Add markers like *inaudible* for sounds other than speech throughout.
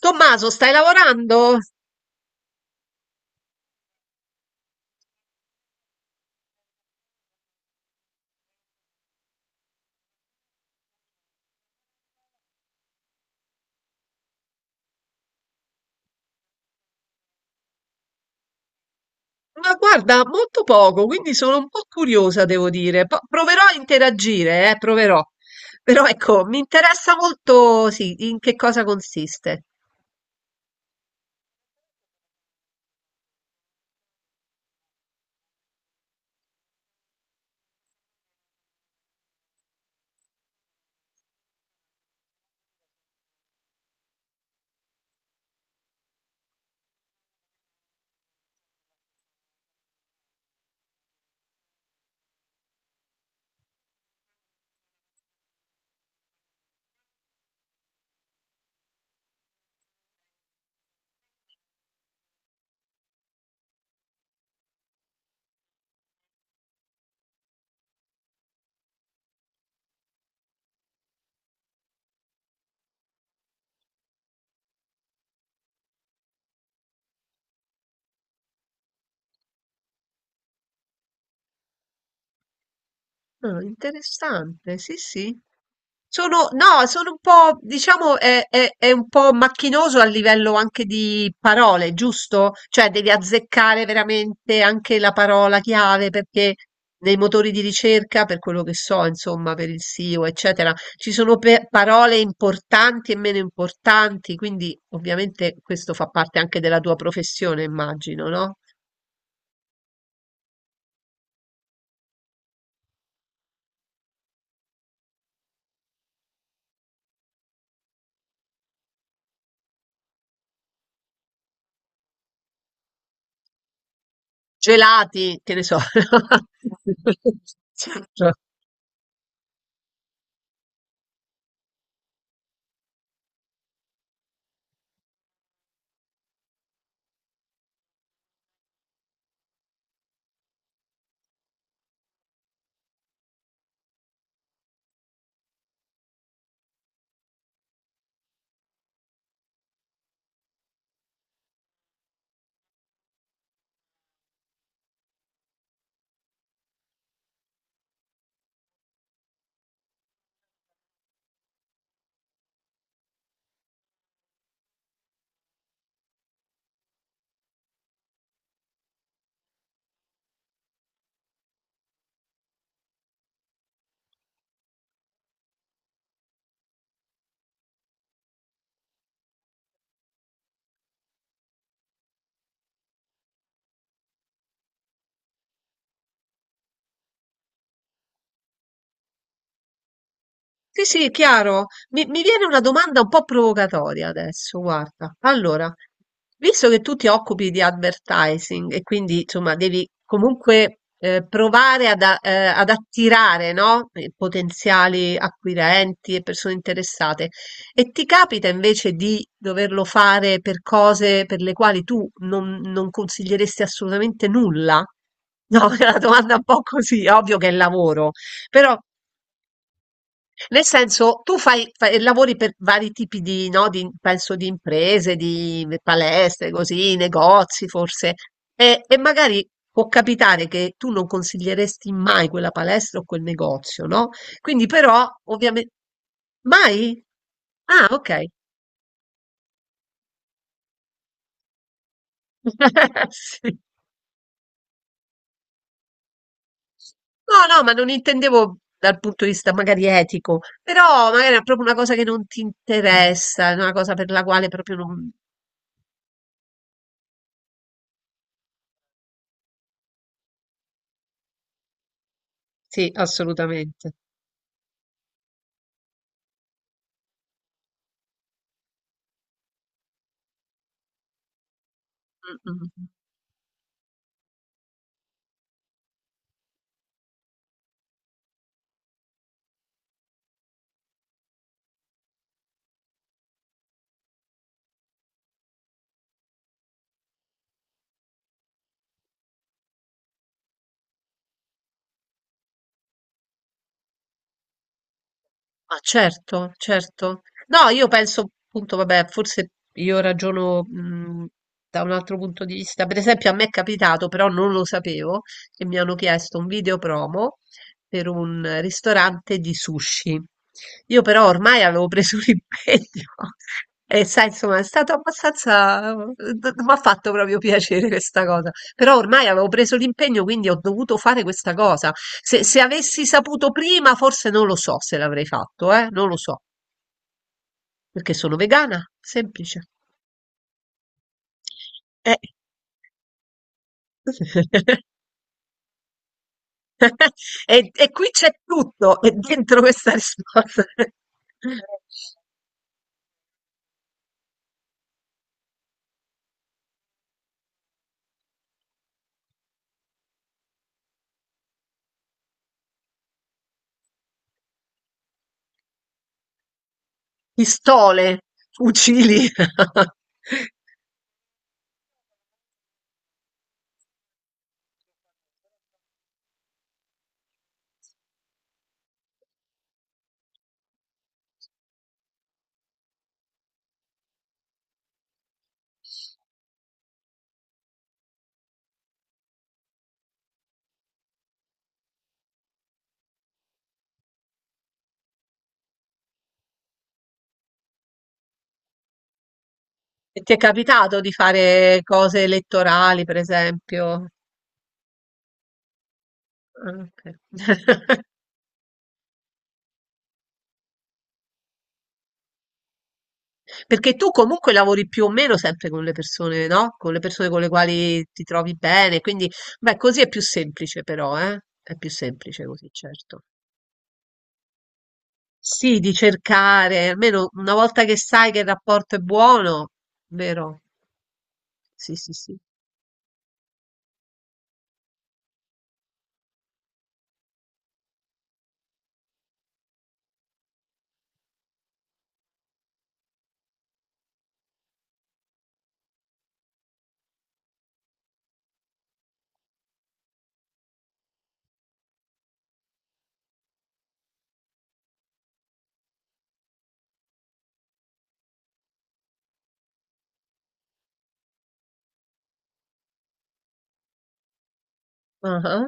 Tommaso, stai lavorando? Ma guarda, molto poco, quindi sono un po' curiosa, devo dire. Proverò a interagire, proverò. Però ecco, mi interessa molto, sì, in che cosa consiste. Ah, interessante, sì, sì. Sono, no, Sono un po', diciamo, è un po' macchinoso a livello anche di parole, giusto? Cioè devi azzeccare veramente anche la parola chiave perché nei motori di ricerca, per quello che so, insomma, per il SEO, eccetera, ci sono parole importanti e meno importanti, quindi ovviamente questo fa parte anche della tua professione, immagino, no? Gelati, che ne so. *laughs* Certo. Sì, sì, chiaro. Mi viene una domanda un po' provocatoria adesso, guarda. Allora, visto che tu ti occupi di advertising e quindi insomma devi comunque provare ad attirare, no? Potenziali acquirenti e persone interessate, e ti capita invece di doverlo fare per cose per le quali tu non, non consiglieresti assolutamente nulla? No, *laughs* è una domanda un po' così, ovvio che è lavoro, però. Nel senso, lavori per vari tipi di, no, di- penso, di imprese, di palestre, così, negozi forse, e magari può capitare che tu non consiglieresti mai quella palestra o quel negozio, no? Quindi però, ovviamente, mai? Ah, ok. *laughs* Sì. No, no, ma non intendevo dal punto di vista magari etico, però magari è proprio una cosa che non ti interessa, è una cosa per la quale proprio non. Sì, assolutamente. Mm, mm. Ma certo, certo. No, io penso appunto, vabbè, forse io ragiono da un altro punto di vista. Per esempio, a me è capitato, però non lo sapevo, che mi hanno chiesto un video promo per un ristorante di sushi. Io però ormai avevo preso *laughs* l'impegno e sai, insomma, è stato abbastanza, mi ha fatto proprio piacere questa cosa. Però ormai avevo preso l'impegno, quindi ho dovuto fare questa cosa. Se avessi saputo prima, forse non lo so se l'avrei fatto, eh? Non lo so, perché sono vegana, semplice. Eh. *laughs* E, e qui c'è tutto, e dentro questa risposta. *laughs* Pistole, fucili. *laughs* E ti è capitato di fare cose elettorali, per esempio? Ah, ok. *laughs* Perché tu comunque lavori più o meno sempre con le persone, no? Con le persone con le quali ti trovi bene, quindi beh, così è più semplice però, eh? È più semplice così, certo. Sì, di cercare, almeno una volta che sai che il rapporto è buono, vero? Sì, sì, sì. Ah,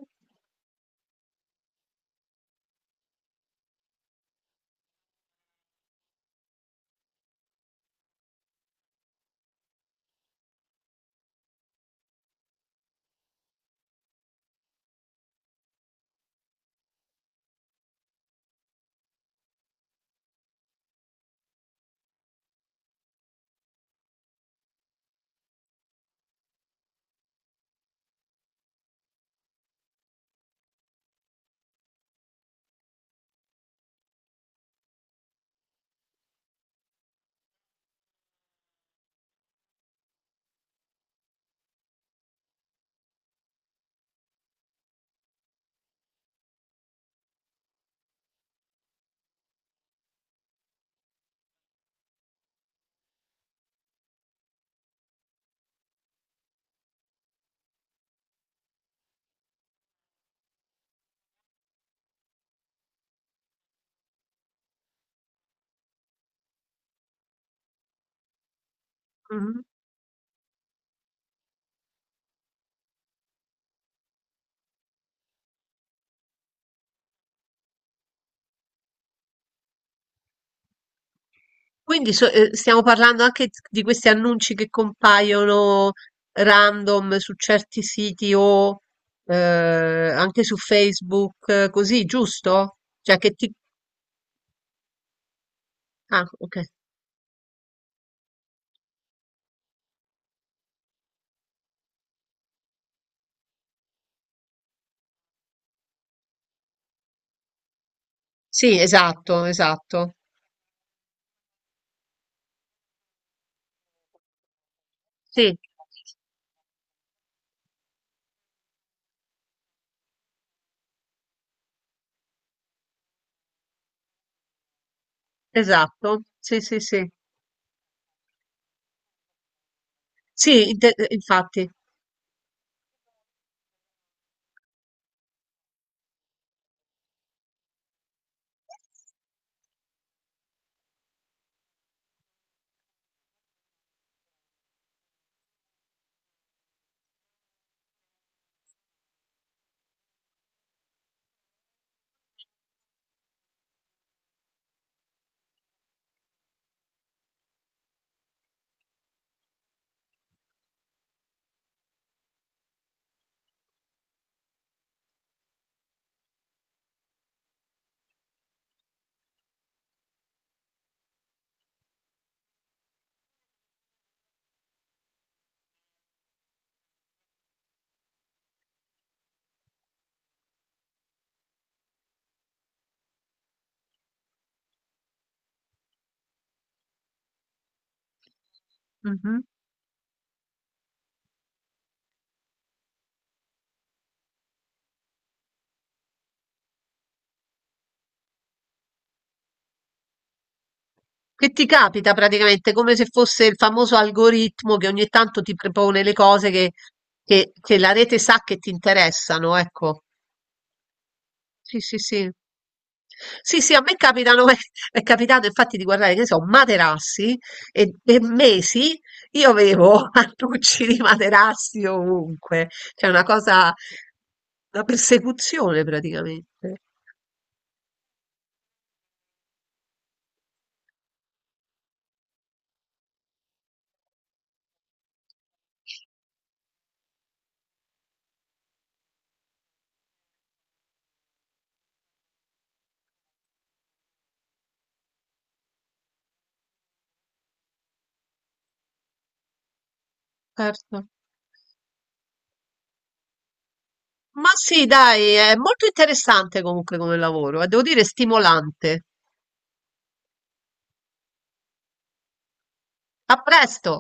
mhm. Stiamo parlando anche di questi annunci che compaiono random su certi siti o eh, anche su Facebook, così, giusto? Cioè che ti Ah, ok. Sì, esatto, esatto. Sì, esatto. Sì, sì, sì. Infatti. Mhm. Che ti capita praticamente come se fosse il famoso algoritmo che ogni tanto ti propone le cose che, che la rete sa che ti interessano, ecco. Sì, sì, sì. Sì, sì, a me capitano, *laughs* è capitato infatti di guardare, che ne so, materassi e per mesi io avevo *laughs* annunci di materassi ovunque, cioè una cosa, una persecuzione praticamente. Certo. Ma sì, dai, è molto interessante comunque come lavoro, e devo dire stimolante. A presto!